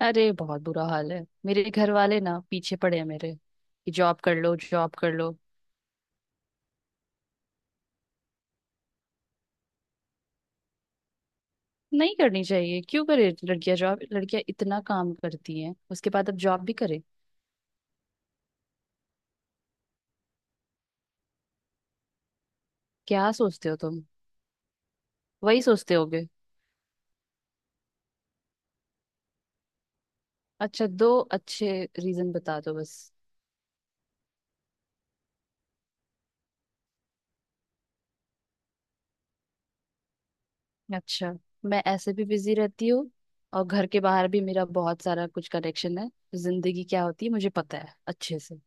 अरे बहुत बुरा हाल है, मेरे घर वाले ना पीछे पड़े हैं मेरे कि जॉब कर लो, जॉब कर लो। नहीं करनी चाहिए, क्यों करे लड़कियां जॉब, लड़कियां इतना काम करती हैं उसके बाद अब जॉब भी करे। क्या सोचते हो तुम? वही सोचते होगे। अच्छा दो अच्छे रीजन बता दो बस। अच्छा, मैं ऐसे भी बिजी रहती हूँ और घर के बाहर भी मेरा बहुत सारा कुछ कनेक्शन है, जिंदगी क्या होती है मुझे पता है अच्छे से।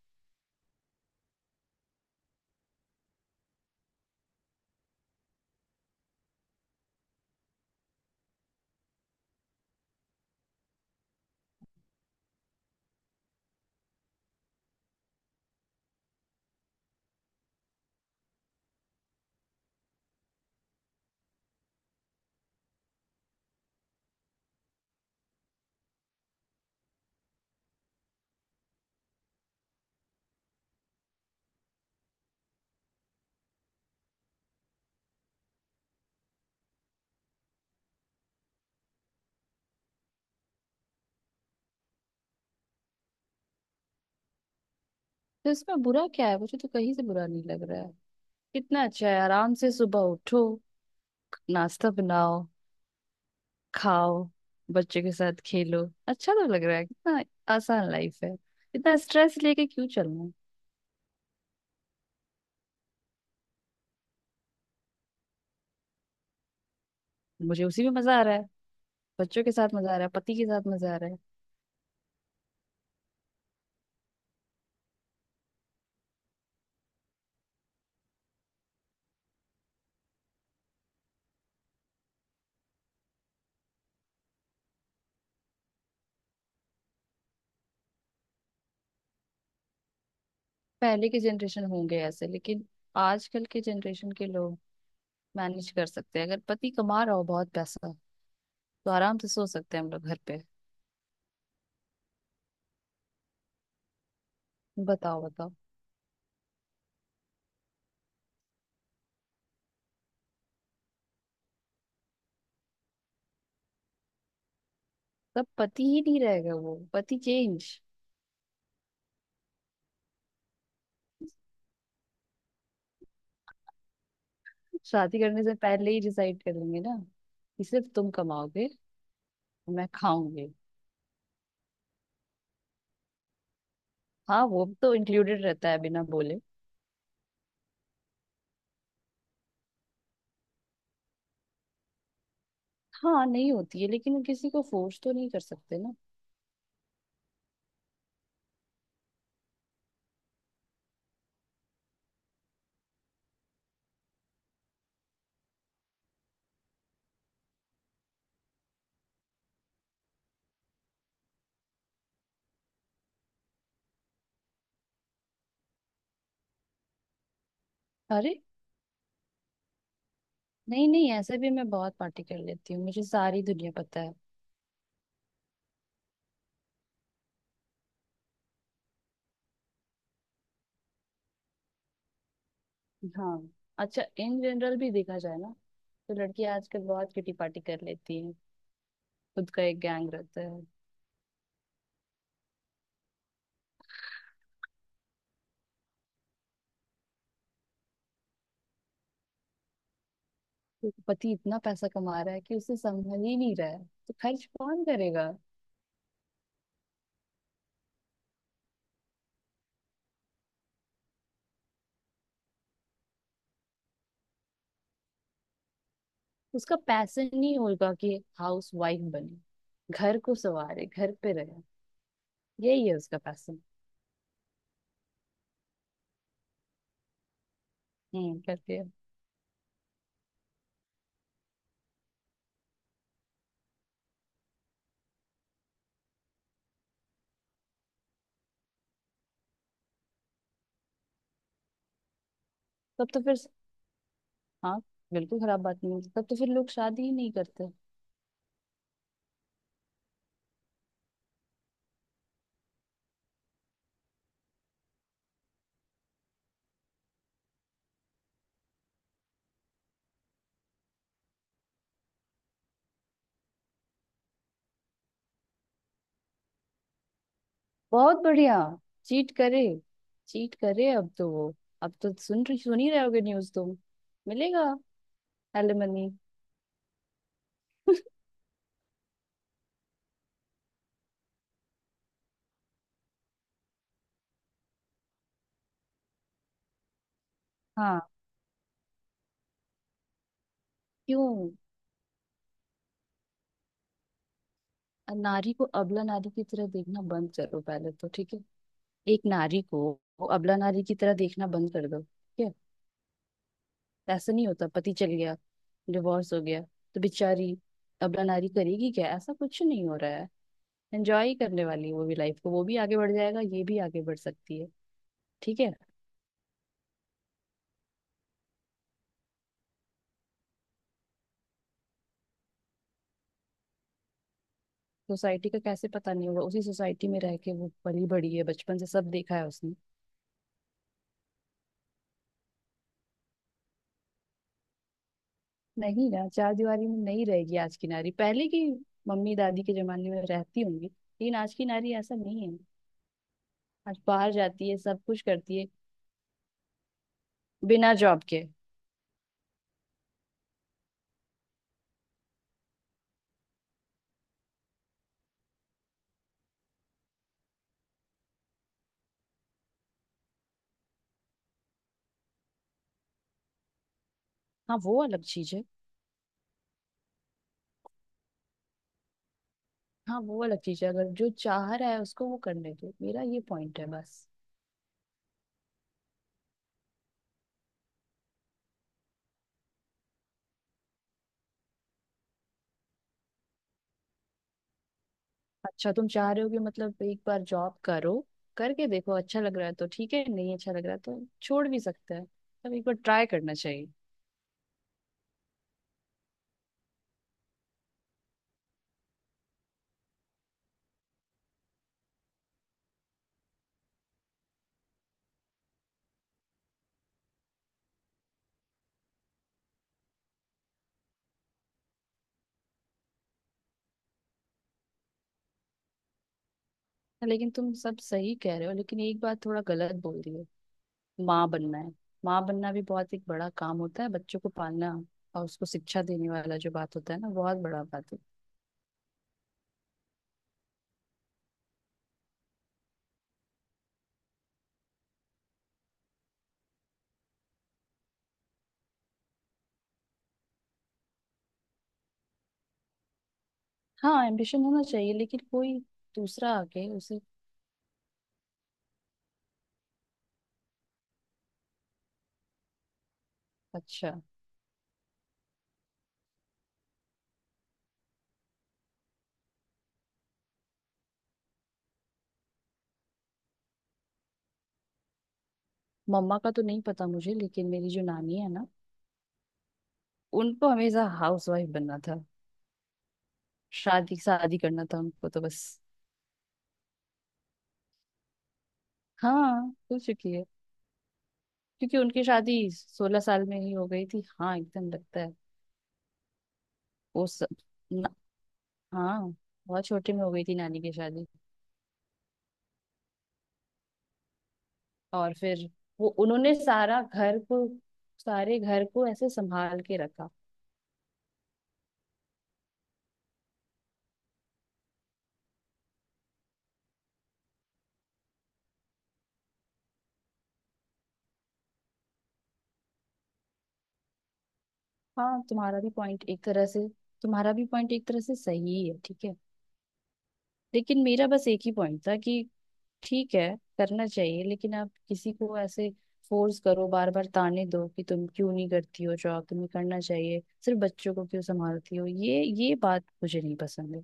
तो इसमें बुरा क्या है? मुझे तो कहीं से बुरा नहीं लग रहा है। कितना अच्छा है, आराम से सुबह उठो, नाश्ता बनाओ, खाओ, बच्चों के साथ खेलो, अच्छा तो लग रहा है कितना। आसान लाइफ है, इतना स्ट्रेस लेके क्यों चलना है। मुझे उसी में मजा आ रहा है, बच्चों के साथ मजा आ रहा है, पति के साथ मजा आ रहा है। पहले के जनरेशन होंगे ऐसे, लेकिन आजकल के जनरेशन के लोग मैनेज कर सकते हैं। अगर पति कमा रहा हो बहुत पैसा, तो आराम से सो सकते हैं हम लोग घर पे। बताओ बताओ। तब पति ही नहीं रहेगा, वो पति चेंज। शादी करने से पहले ही डिसाइड कर लेंगे ना कि सिर्फ तुम कमाओगे, मैं खाऊंगी। हाँ वो तो इंक्लूडेड रहता है बिना बोले। हाँ नहीं होती है, लेकिन किसी को फोर्स तो नहीं कर सकते ना। अरे नहीं नहीं, ऐसे भी मैं बहुत पार्टी कर लेती हूँ, मुझे सारी दुनिया पता है। हाँ, अच्छा इन जनरल भी देखा जाए ना, तो लड़की आजकल बहुत किटी पार्टी कर लेती है, खुद का एक गैंग रहता है। तो पति इतना पैसा कमा रहा है कि उसे संभल ही नहीं रहा है, तो खर्च कौन करेगा? उसका पैसन नहीं होगा कि हाउस वाइफ बने, घर को सवारे, घर पे रहे, यही है उसका पैसन। हम्म, करती है। तब तो फिर, हाँ बिल्कुल खराब बात नहीं है, तब तो फिर लोग शादी ही नहीं करते। बहुत बढ़िया, चीट करे, चीट करे। अब तो वो, अब तो सुन रही, सुन ही रहे होगे न्यूज तुम। मिलेगा एलिमनी। हाँ क्यों? नारी को अबला नारी की तरह देखना बंद करो पहले, तो ठीक है। एक नारी को वो अबला नारी की तरह देखना बंद कर दो, ठीक है। ऐसा नहीं होता पति चल गया, डिवोर्स हो गया, तो बेचारी अबला नारी करेगी क्या? ऐसा कुछ नहीं हो रहा है। एंजॉय करने वाली है वो भी लाइफ को, वो भी आगे बढ़ जाएगा, ये भी आगे बढ़ सकती है। ठीक है। सोसाइटी का कैसे पता नहीं होगा? उसी सोसाइटी में रह के वो पली बड़ी है, बचपन से सब देखा है उसने। नहीं ना, चार दीवारी में नहीं रहेगी आज की नारी, पहले की मम्मी दादी के जमाने में रहती होंगी, लेकिन आज की नारी ऐसा नहीं है। आज बाहर जाती है, सब कुछ करती है, बिना जॉब के। हाँ वो अलग चीज है। हाँ वो अलग चीज है, अगर जो चाह रहा है उसको वो करने दो, मेरा ये पॉइंट है बस। अच्छा, तुम चाह रहे हो कि मतलब एक बार जॉब करो, करके देखो, अच्छा लग रहा है तो ठीक है, नहीं अच्छा लग रहा है तो छोड़ भी सकते हैं, तब एक बार ट्राई करना चाहिए। लेकिन तुम सब सही कह रहे हो, लेकिन एक बात थोड़ा गलत बोल रही हो। माँ बनना है, माँ बनना भी बहुत एक बड़ा काम होता है, बच्चों को पालना और उसको शिक्षा देने वाला जो बात होता है ना, बहुत बड़ा बात है। हाँ एम्बिशन होना चाहिए, लेकिन कोई दूसरा आके उसे। अच्छा, मम्मा का तो नहीं पता मुझे, लेकिन मेरी जो नानी है ना, उनको हमेशा हाउस वाइफ बनना था, शादी शादी करना था उनको, तो बस। हाँ, हो चुकी है। क्योंकि उनकी शादी 16 साल में ही हो गई थी, हाँ एकदम लगता है। वो स... न... हाँ, बहुत छोटे में हो गई थी नानी की शादी। और फिर वो उन्होंने सारा घर को, सारे घर को ऐसे संभाल के रखा। हाँ तुम्हारा भी पॉइंट एक तरह से, तुम्हारा भी पॉइंट एक तरह से सही है, ठीक है। लेकिन मेरा बस एक ही पॉइंट था कि ठीक है, करना चाहिए, लेकिन आप किसी को ऐसे फोर्स करो, बार बार ताने दो कि तुम क्यों नहीं करती हो जॉब, तुम्हें करना चाहिए, सिर्फ बच्चों को क्यों संभालती हो, ये बात मुझे नहीं पसंद है।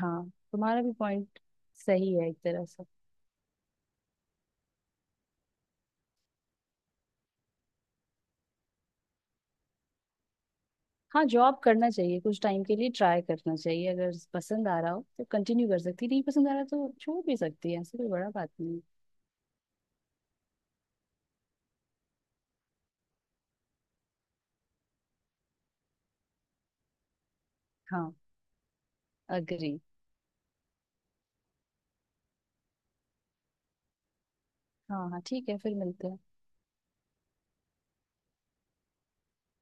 हाँ तुम्हारा भी पॉइंट सही है एक तरह से। हाँ जॉब करना चाहिए, कुछ टाइम के लिए ट्राई करना चाहिए, अगर पसंद आ रहा हो तो कंटिन्यू कर सकती है, नहीं पसंद आ रहा तो छोड़ भी सकती है, ऐसी कोई बड़ा बात नहीं। हाँ, अग्री। हाँ हाँ ठीक है, फिर मिलते हैं।